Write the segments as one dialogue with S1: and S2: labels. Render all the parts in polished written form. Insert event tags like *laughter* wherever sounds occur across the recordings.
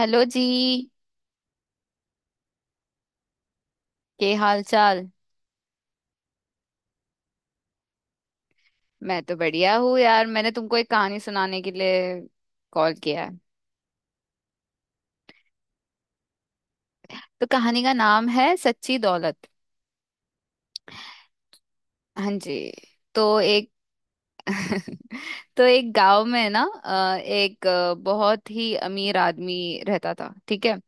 S1: Hello जी। के हाल चाल। मैं तो बढ़िया हूँ यार मैंने तुमको एक कहानी सुनाने के लिए कॉल किया है। तो कहानी का नाम है सच्ची दौलत। हाँ जी। तो एक *laughs* तो एक गांव में ना एक बहुत ही अमीर आदमी रहता था। ठीक है।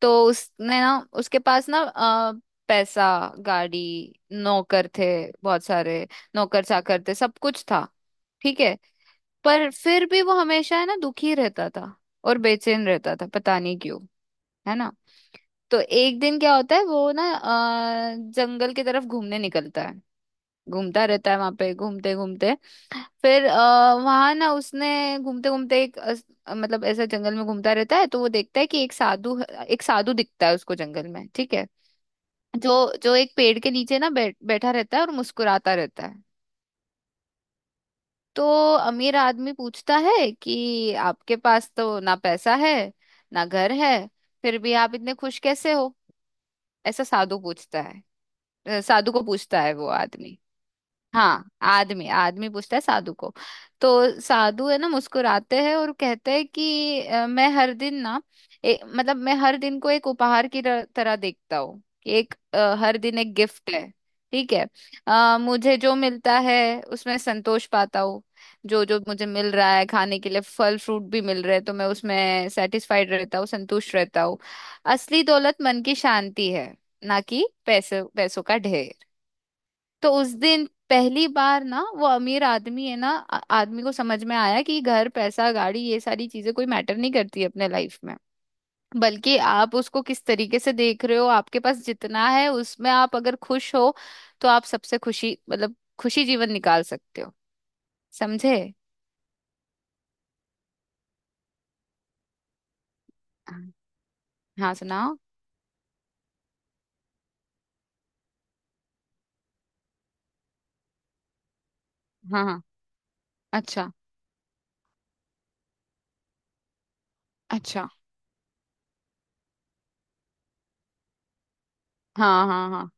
S1: तो उसने ना उसके पास ना पैसा गाड़ी नौकर थे बहुत सारे नौकर चाकर थे सब कुछ था। ठीक है। पर फिर भी वो हमेशा है ना दुखी रहता था और बेचैन रहता था पता नहीं क्यों है ना। तो एक दिन क्या होता है वो ना जंगल की तरफ घूमने निकलता है। घूमता रहता है वहां पे घूमते घूमते फिर वहां ना उसने घूमते घूमते मतलब ऐसा जंगल में घूमता रहता है तो वो देखता है कि एक साधु दिखता है उसको जंगल में। ठीक है। जो जो एक पेड़ के नीचे ना बैठा रहता है और मुस्कुराता रहता है। तो अमीर आदमी पूछता है कि आपके पास तो ना पैसा है ना घर है फिर भी आप इतने खुश कैसे हो। ऐसा साधु पूछता है। साधु को पूछता है वो आदमी। हाँ आदमी आदमी पूछता है साधु को। तो साधु है ना मुस्कुराते हैं और कहते हैं कि मैं हर दिन ना मतलब मैं हर दिन को एक उपहार की तरह देखता हूँ कि हर दिन एक गिफ्ट है। ठीक है। मुझे जो मिलता है उसमें संतोष पाता हूँ। जो जो मुझे मिल रहा है खाने के लिए फल फ्रूट भी मिल रहे हैं तो मैं उसमें सेटिस्फाइड रहता हूँ संतुष्ट रहता हूँ। असली दौलत मन की शांति है ना कि पैसे पैसों का ढेर। तो उस दिन पहली बार ना वो अमीर आदमी है ना आदमी को समझ में आया कि घर पैसा गाड़ी ये सारी चीजें कोई मैटर नहीं करती अपने लाइफ में। बल्कि आप उसको किस तरीके से देख रहे हो आपके पास जितना है उसमें आप अगर खुश हो तो आप सबसे खुशी मतलब खुशी जीवन निकाल सकते हो। समझे? हाँ हाँ, सुनाओ। हाँ हाँ। अच्छा। अच्छा। हाँ हाँ हाँ।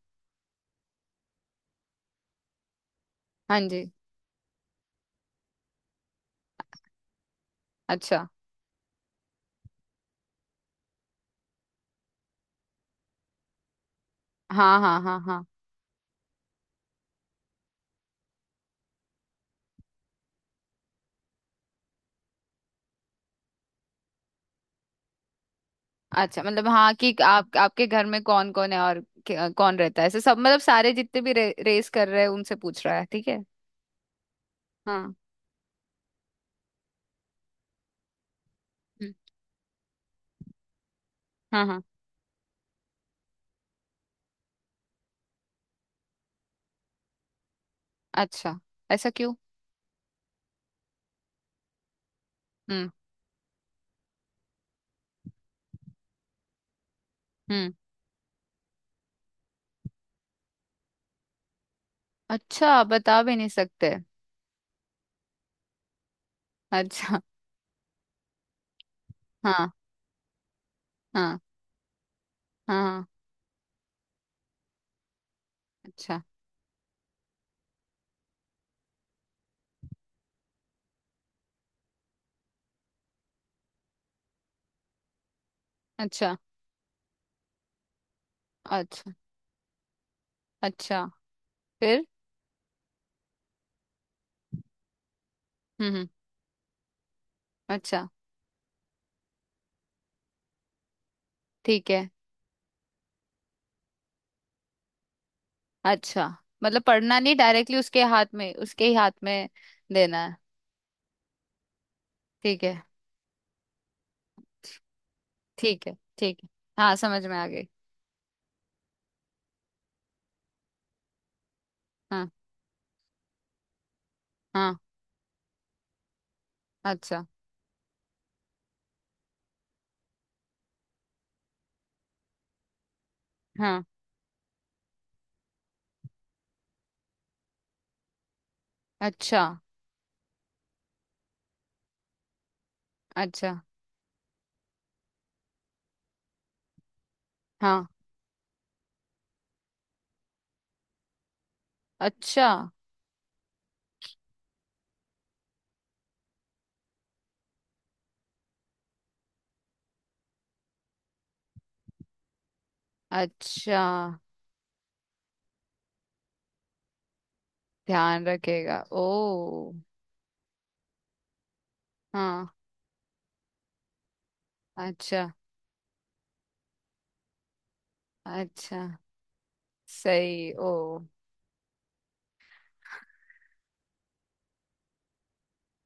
S1: हाँ जी। अच्छा। हाँ हाँ हाँ हाँ। अच्छा मतलब हाँ कि आप आपके घर में कौन कौन है और कौन रहता है ऐसे सब मतलब सारे जितने भी रेस कर रहे हैं उनसे पूछ रहा है। ठीक है। हाँ। हम्म। हाँ हाँ। अच्छा। ऐसा क्यों? हम्म हम्म। अच्छा बता भी नहीं सकते। अच्छा। हाँ हाँ हाँ हाँ। अच्छा। अच्छा। अच्छा। अच्छा। फिर? हम्म। अच्छा। ठीक है। अच्छा मतलब पढ़ना नहीं डायरेक्टली उसके हाथ में उसके ही हाथ में देना है। ठीक है ठीक है ठीक है। हाँ समझ में आ गई। हाँ हाँ। अच्छा। हाँ। अच्छा अच्छा। हाँ। अच्छा। अच्छा। ध्यान रखेगा ओ। हाँ। अच्छा। अच्छा। सही ओ।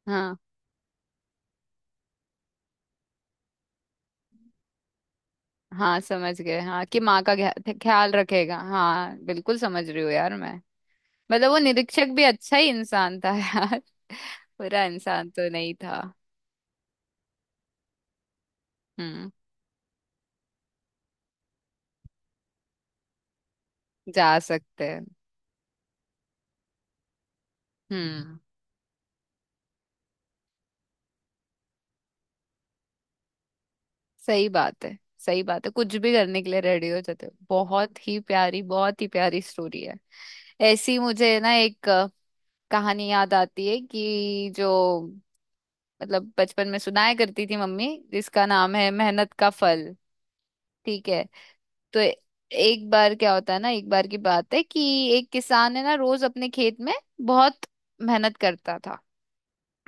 S1: हाँ। हाँ समझ गए हाँ कि माँ का ख्याल रखेगा हाँ बिल्कुल समझ रही हूँ यार मैं। मतलब वो निरीक्षक भी अच्छा ही इंसान था यार *laughs* बुरा इंसान तो नहीं था। हम्म। जा सकते हैं। हम्म। सही बात है। सही बात है कुछ भी करने के लिए रेडी हो जाते हो बहुत ही प्यारी स्टोरी है। ऐसी मुझे ना एक कहानी याद आती है कि जो मतलब बचपन में सुनाया करती थी मम्मी जिसका नाम है मेहनत का फल। ठीक है। तो एक बार क्या होता है ना एक बार की बात है कि एक किसान है ना रोज अपने खेत में बहुत मेहनत करता था।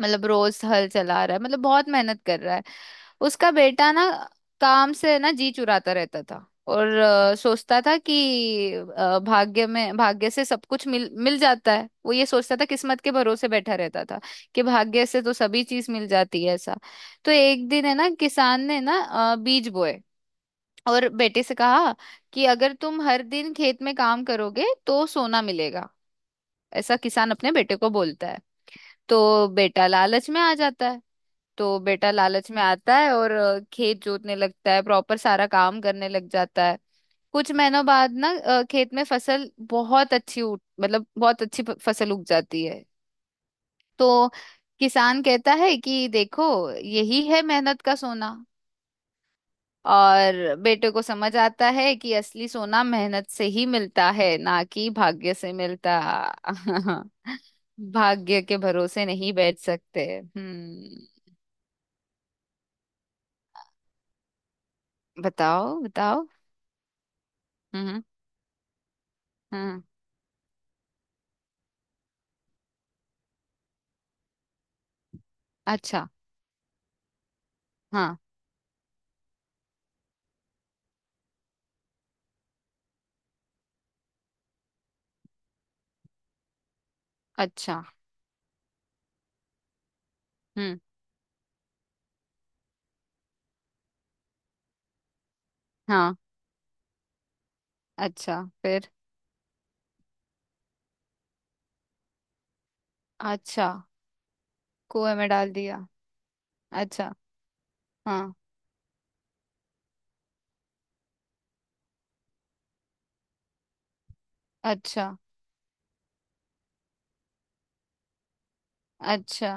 S1: मतलब रोज हल चला रहा है मतलब बहुत मेहनत कर रहा है। उसका बेटा ना काम से ना जी चुराता रहता था और सोचता था कि भाग्य से सब कुछ मिल मिल जाता है वो ये सोचता था किस्मत के भरोसे बैठा रहता था कि भाग्य से तो सभी चीज मिल जाती है ऐसा। तो एक दिन है ना किसान ने ना बीज बोए और बेटे से कहा कि अगर तुम हर दिन खेत में काम करोगे तो सोना मिलेगा। ऐसा किसान अपने बेटे को बोलता है। तो बेटा लालच में आ जाता है। तो बेटा लालच में आता है और खेत जोतने लगता है प्रॉपर सारा काम करने लग जाता है। कुछ महीनों बाद ना खेत में फसल बहुत अच्छी उठ मतलब बहुत अच्छी फसल उग जाती है। तो किसान कहता है कि देखो यही है मेहनत का सोना। और बेटे को समझ आता है कि असली सोना मेहनत से ही मिलता है ना कि भाग्य से मिलता। *laughs* भाग्य के भरोसे नहीं बैठ सकते। हम्म। बताओ बताओ। हम्म हम्म। अच्छा। हाँ। अच्छा। हम्म। हाँ। अच्छा फिर? अच्छा। कुएं में डाल दिया। अच्छा। हाँ। अच्छा। अच्छा।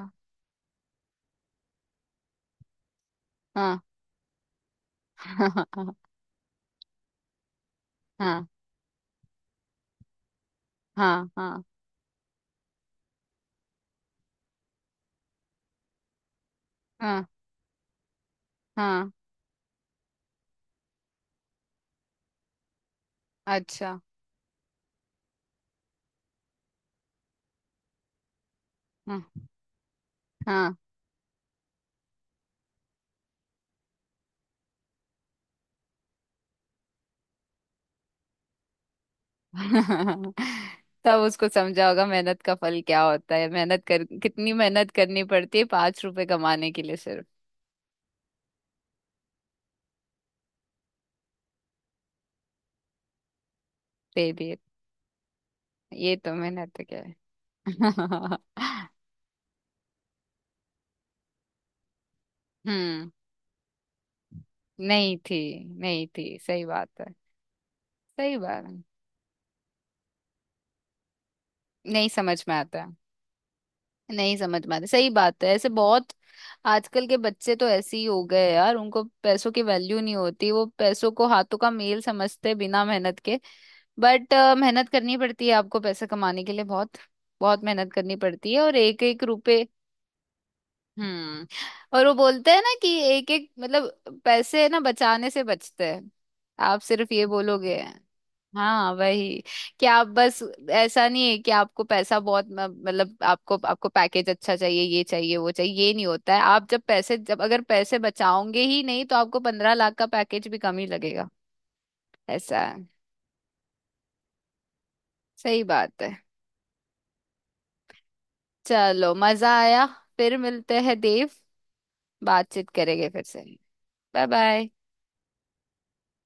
S1: हाँ *laughs* हाँ हाँ। हाँ हाँ हाँ। हाँ अच्छा। हाँ हाँ। *laughs* तब उसको समझा होगा मेहनत का फल क्या होता है मेहनत कर कितनी मेहनत करनी पड़ती है 5 रुपए कमाने के लिए सिर्फ। दे दिए। ये तो मेहनत क्या है। *laughs* हम्म। नहीं थी। नहीं थी सही बात है। सही बात है। नहीं समझ में आता है। नहीं समझ में आता सही बात है ऐसे बहुत। आजकल के बच्चे तो ऐसे ही हो गए यार उनको पैसों की वैल्यू नहीं होती वो पैसों को हाथों का मेल समझते बिना मेहनत के। बट मेहनत करनी पड़ती है आपको पैसा कमाने के लिए बहुत बहुत मेहनत करनी पड़ती है और एक एक रुपए। हम्म। और वो बोलते हैं ना कि एक एक मतलब पैसे ना बचाने से बचते हैं। आप सिर्फ ये बोलोगे। हाँ वही कि आप बस ऐसा नहीं है कि आपको पैसा बहुत मतलब आपको आपको पैकेज अच्छा चाहिए ये चाहिए वो चाहिए ये नहीं होता है आप जब पैसे जब अगर पैसे बचाओगे ही नहीं तो आपको 15 लाख का पैकेज भी कम ही लगेगा। ऐसा है। सही बात है। चलो मजा आया। फिर मिलते हैं देव। बातचीत करेंगे फिर से। Bye bye.